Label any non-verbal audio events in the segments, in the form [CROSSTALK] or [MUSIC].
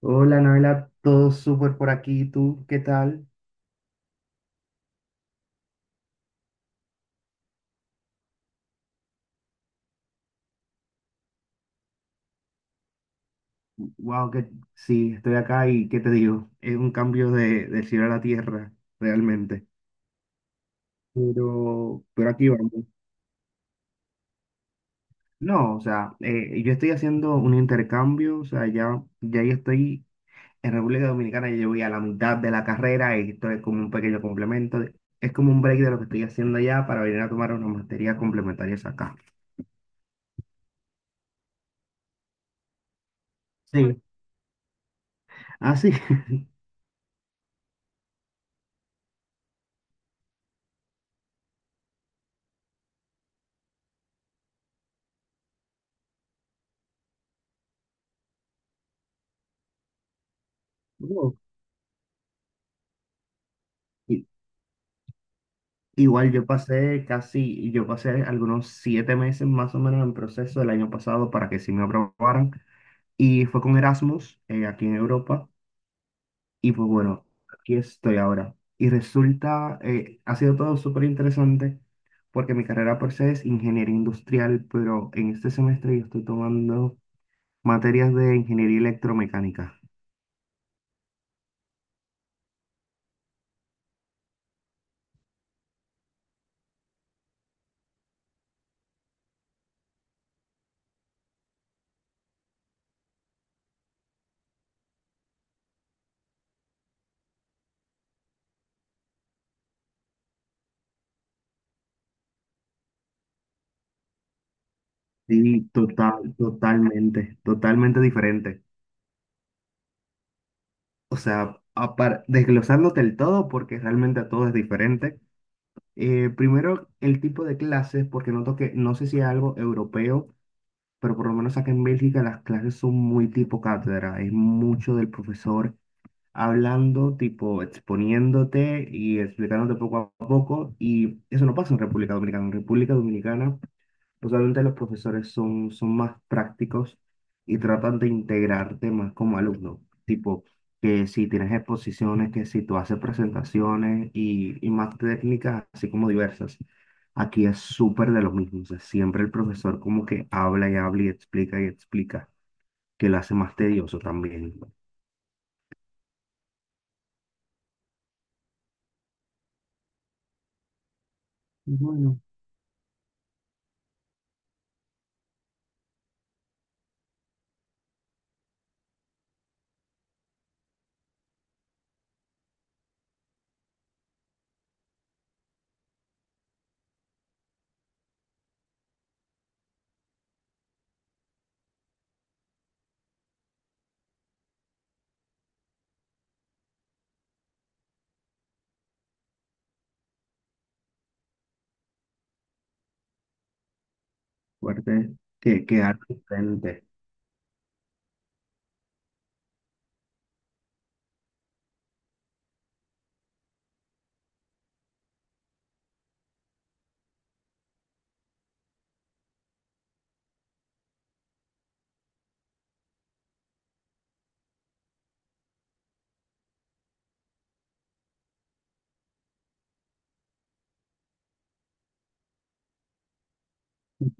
Hola, Noela, todo súper por aquí. ¿Tú qué tal? Wow, que sí, estoy acá y ¿qué te digo? Es un cambio del cielo a la tierra, realmente. Pero aquí vamos. No, o sea, yo estoy haciendo un intercambio. O sea, ya yo estoy en República Dominicana. Yo voy a la mitad de la carrera y esto es como un pequeño complemento. Es como un break de lo que estoy haciendo allá para venir a tomar unas materias complementarias acá. Sí. Ah, sí. [LAUGHS] Wow. Igual yo pasé algunos 7 meses más o menos en proceso el año pasado para que sí me aprobaran, y fue con Erasmus, aquí en Europa. Y pues bueno, aquí estoy ahora. Y resulta, ha sido todo súper interesante, porque mi carrera por se es ingeniería industrial, pero en este semestre yo estoy tomando materias de ingeniería electromecánica. Sí, total, totalmente diferente. O sea, desglosándote el todo, porque realmente a todo es diferente. Primero, el tipo de clases, porque noto que, no sé si es algo europeo, pero por lo menos acá en Bélgica las clases son muy tipo cátedra. Es mucho del profesor hablando, tipo exponiéndote y explicándote poco a poco. Y eso no pasa en República Dominicana. En República Dominicana usualmente los profesores son más prácticos y tratan de integrarte más como alumno. Tipo, que si tienes exposiciones, que si tú haces presentaciones, y más técnicas, así como diversas. Aquí es súper de lo mismo. O sea, siempre el profesor como que habla y habla y explica, que lo hace más tedioso también. Bueno, fuerte, que algo diferente.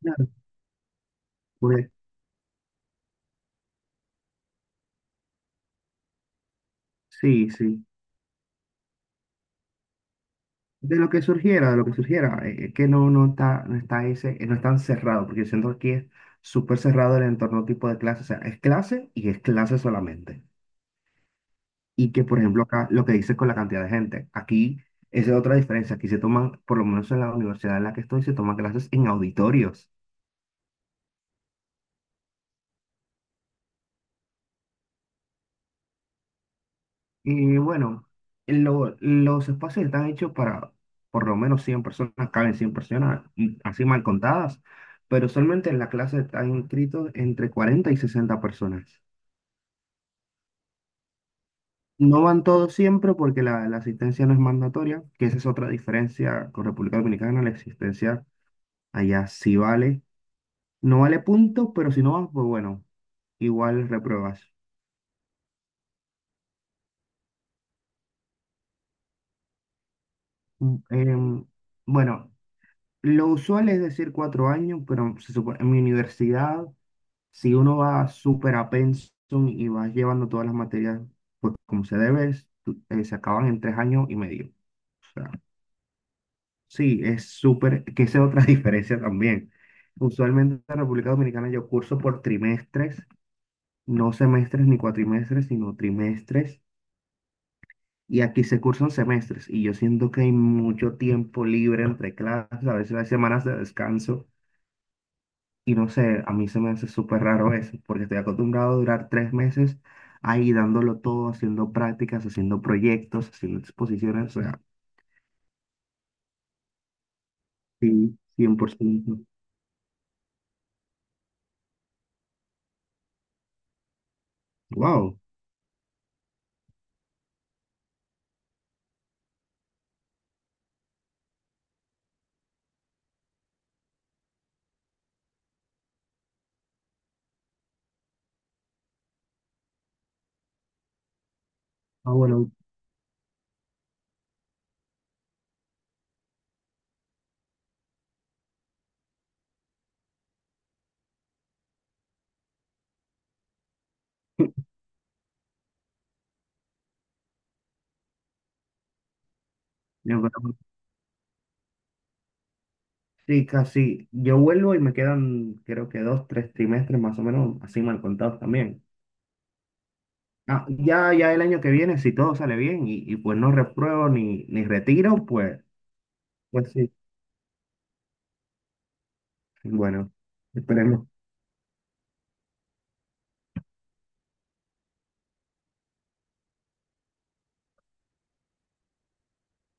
Claro. Pues, sí, sí. De lo que surgiera, es que no está ese, no es tan cerrado, porque yo siento que aquí es súper cerrado el entorno tipo de clase. O sea, es clase y es clase solamente. Y que, por ejemplo, acá lo que dices con la cantidad de gente, aquí esa es otra diferencia. Aquí se toman, por lo menos en la universidad en la que estoy, se toman clases en auditorios. Y bueno, los espacios están hechos para por lo menos 100 personas, caben 100 personas, y así mal contadas, pero solamente en la clase están inscritos entre 40 y 60 personas. No van todos siempre, porque la asistencia no es mandatoria, que esa es otra diferencia con República Dominicana. La asistencia allá sí vale, no vale punto, pero si no vas, pues bueno, igual repruebas. Mm, em, bueno, lo usual es decir 4 años, pero en mi universidad, si uno va súper a pensum y va llevando todas las materias, pues como se debe, se acaban en 3 años y medio. Sí, es súper, que esa es otra [LAUGHS] diferencia también. Usualmente en República Dominicana yo curso por trimestres, no semestres ni cuatrimestres, sino trimestres. Y aquí se cursan semestres, y yo siento que hay mucho tiempo libre entre clases, a veces hay semanas de descanso. Y no sé, a mí se me hace súper raro eso, porque estoy acostumbrado a durar 3 meses ahí dándolo todo, haciendo prácticas, haciendo proyectos, haciendo exposiciones. O sea, sí, 100%. Wow. Ah, bueno. [LAUGHS] yo creo Sí, casi. Yo vuelvo y me quedan, creo que 2, 3 trimestres más o menos, así mal contados también. Ah, ya el año que viene, si todo sale bien, y pues no repruebo ni retiro, pues sí. Bueno, esperemos.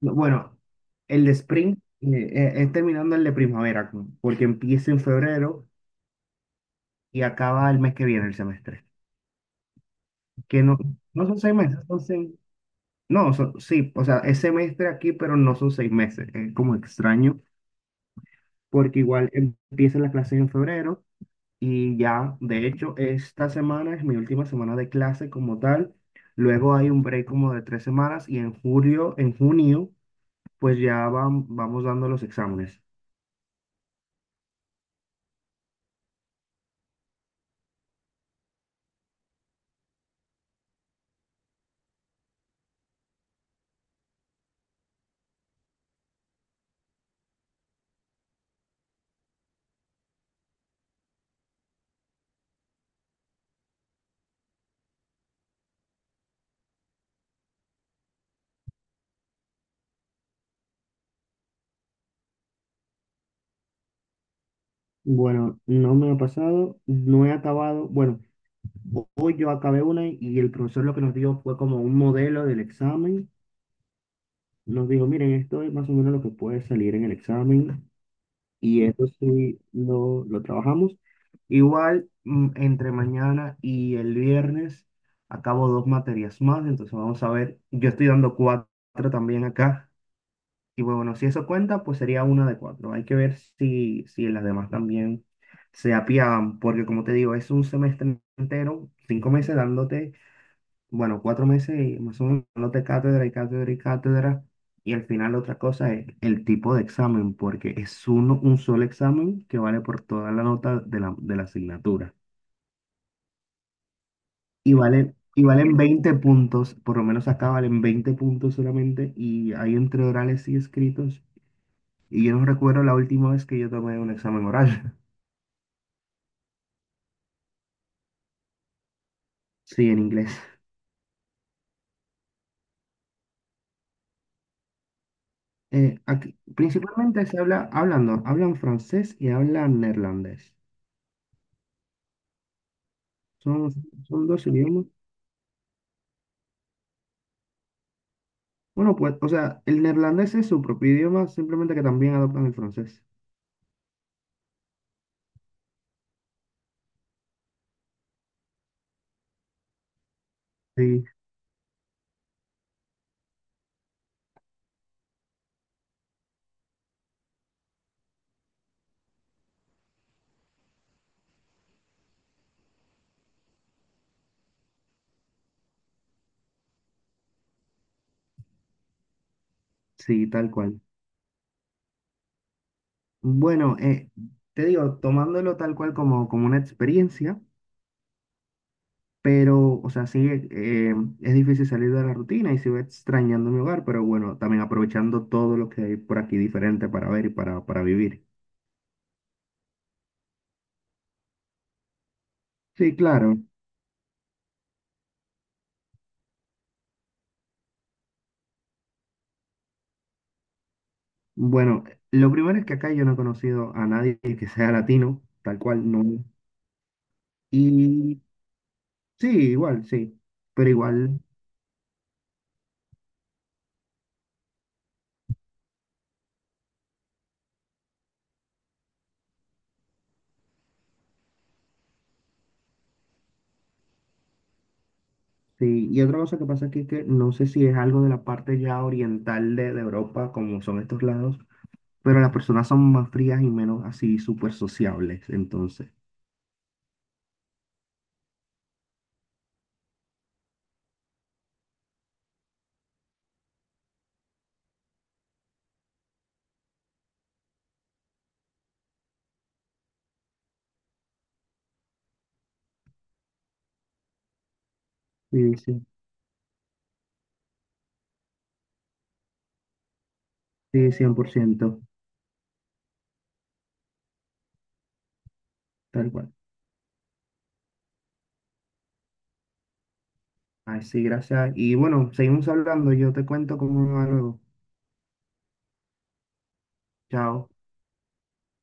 No, bueno, el de spring, es terminando el de primavera, porque empieza en febrero y acaba el mes que viene el semestre. Que no son 6 meses, no, sí, o sea, es semestre aquí, pero no son 6 meses. Es como extraño. Porque igual empiezan las clases en febrero y ya, de hecho, esta semana es mi última semana de clase como tal. Luego hay un break como de 3 semanas, y en julio, en junio, pues ya vamos dando los exámenes. Bueno, no me ha pasado, no he acabado. Bueno, hoy yo acabé una y el profesor lo que nos dio fue como un modelo del examen. Nos dijo, miren, esto es más o menos lo que puede salir en el examen. Y eso sí lo trabajamos. Igual, entre mañana y el viernes acabo dos materias más, entonces vamos a ver. Yo estoy dando cuatro también acá. Y bueno, si eso cuenta, pues sería una de cuatro. Hay que ver si las demás también se apiadan, porque como te digo, es un semestre entero, 5 meses dándote, bueno, 4 meses y más o menos, de cátedra y cátedra y cátedra. Y al final otra cosa es el tipo de examen, porque es uno, un solo examen que vale por toda la nota de la asignatura. Y valen 20 puntos, por lo menos acá valen 20 puntos solamente, y hay entre orales y escritos. Y yo no recuerdo la última vez que yo tomé un examen oral. [LAUGHS] Sí, en inglés. Aquí, principalmente se habla, hablan, no, hablan francés y hablan neerlandés. Son, son dos idiomas. Bueno, pues, o sea, el neerlandés es su propio idioma, simplemente que también adoptan el francés. Sí, sí, tal cual. Bueno, te digo, tomándolo tal cual como una experiencia, pero, o sea, sí, es difícil salir de la rutina y sigo extrañando mi hogar, pero bueno, también aprovechando todo lo que hay por aquí diferente para ver y para vivir. Sí, claro. Bueno, lo primero es que acá yo no he conocido a nadie que sea latino, tal cual, no. Y sí, igual, sí. Pero igual. Sí, y otra cosa que pasa aquí que no sé si es algo de la parte ya oriental de Europa, como son estos lados, pero las personas son más frías y menos así súper sociables, entonces. Sí, sí, sí, 100%, tal cual. Así, gracias. Y bueno, seguimos hablando, yo te cuento cómo me va luego. Chao.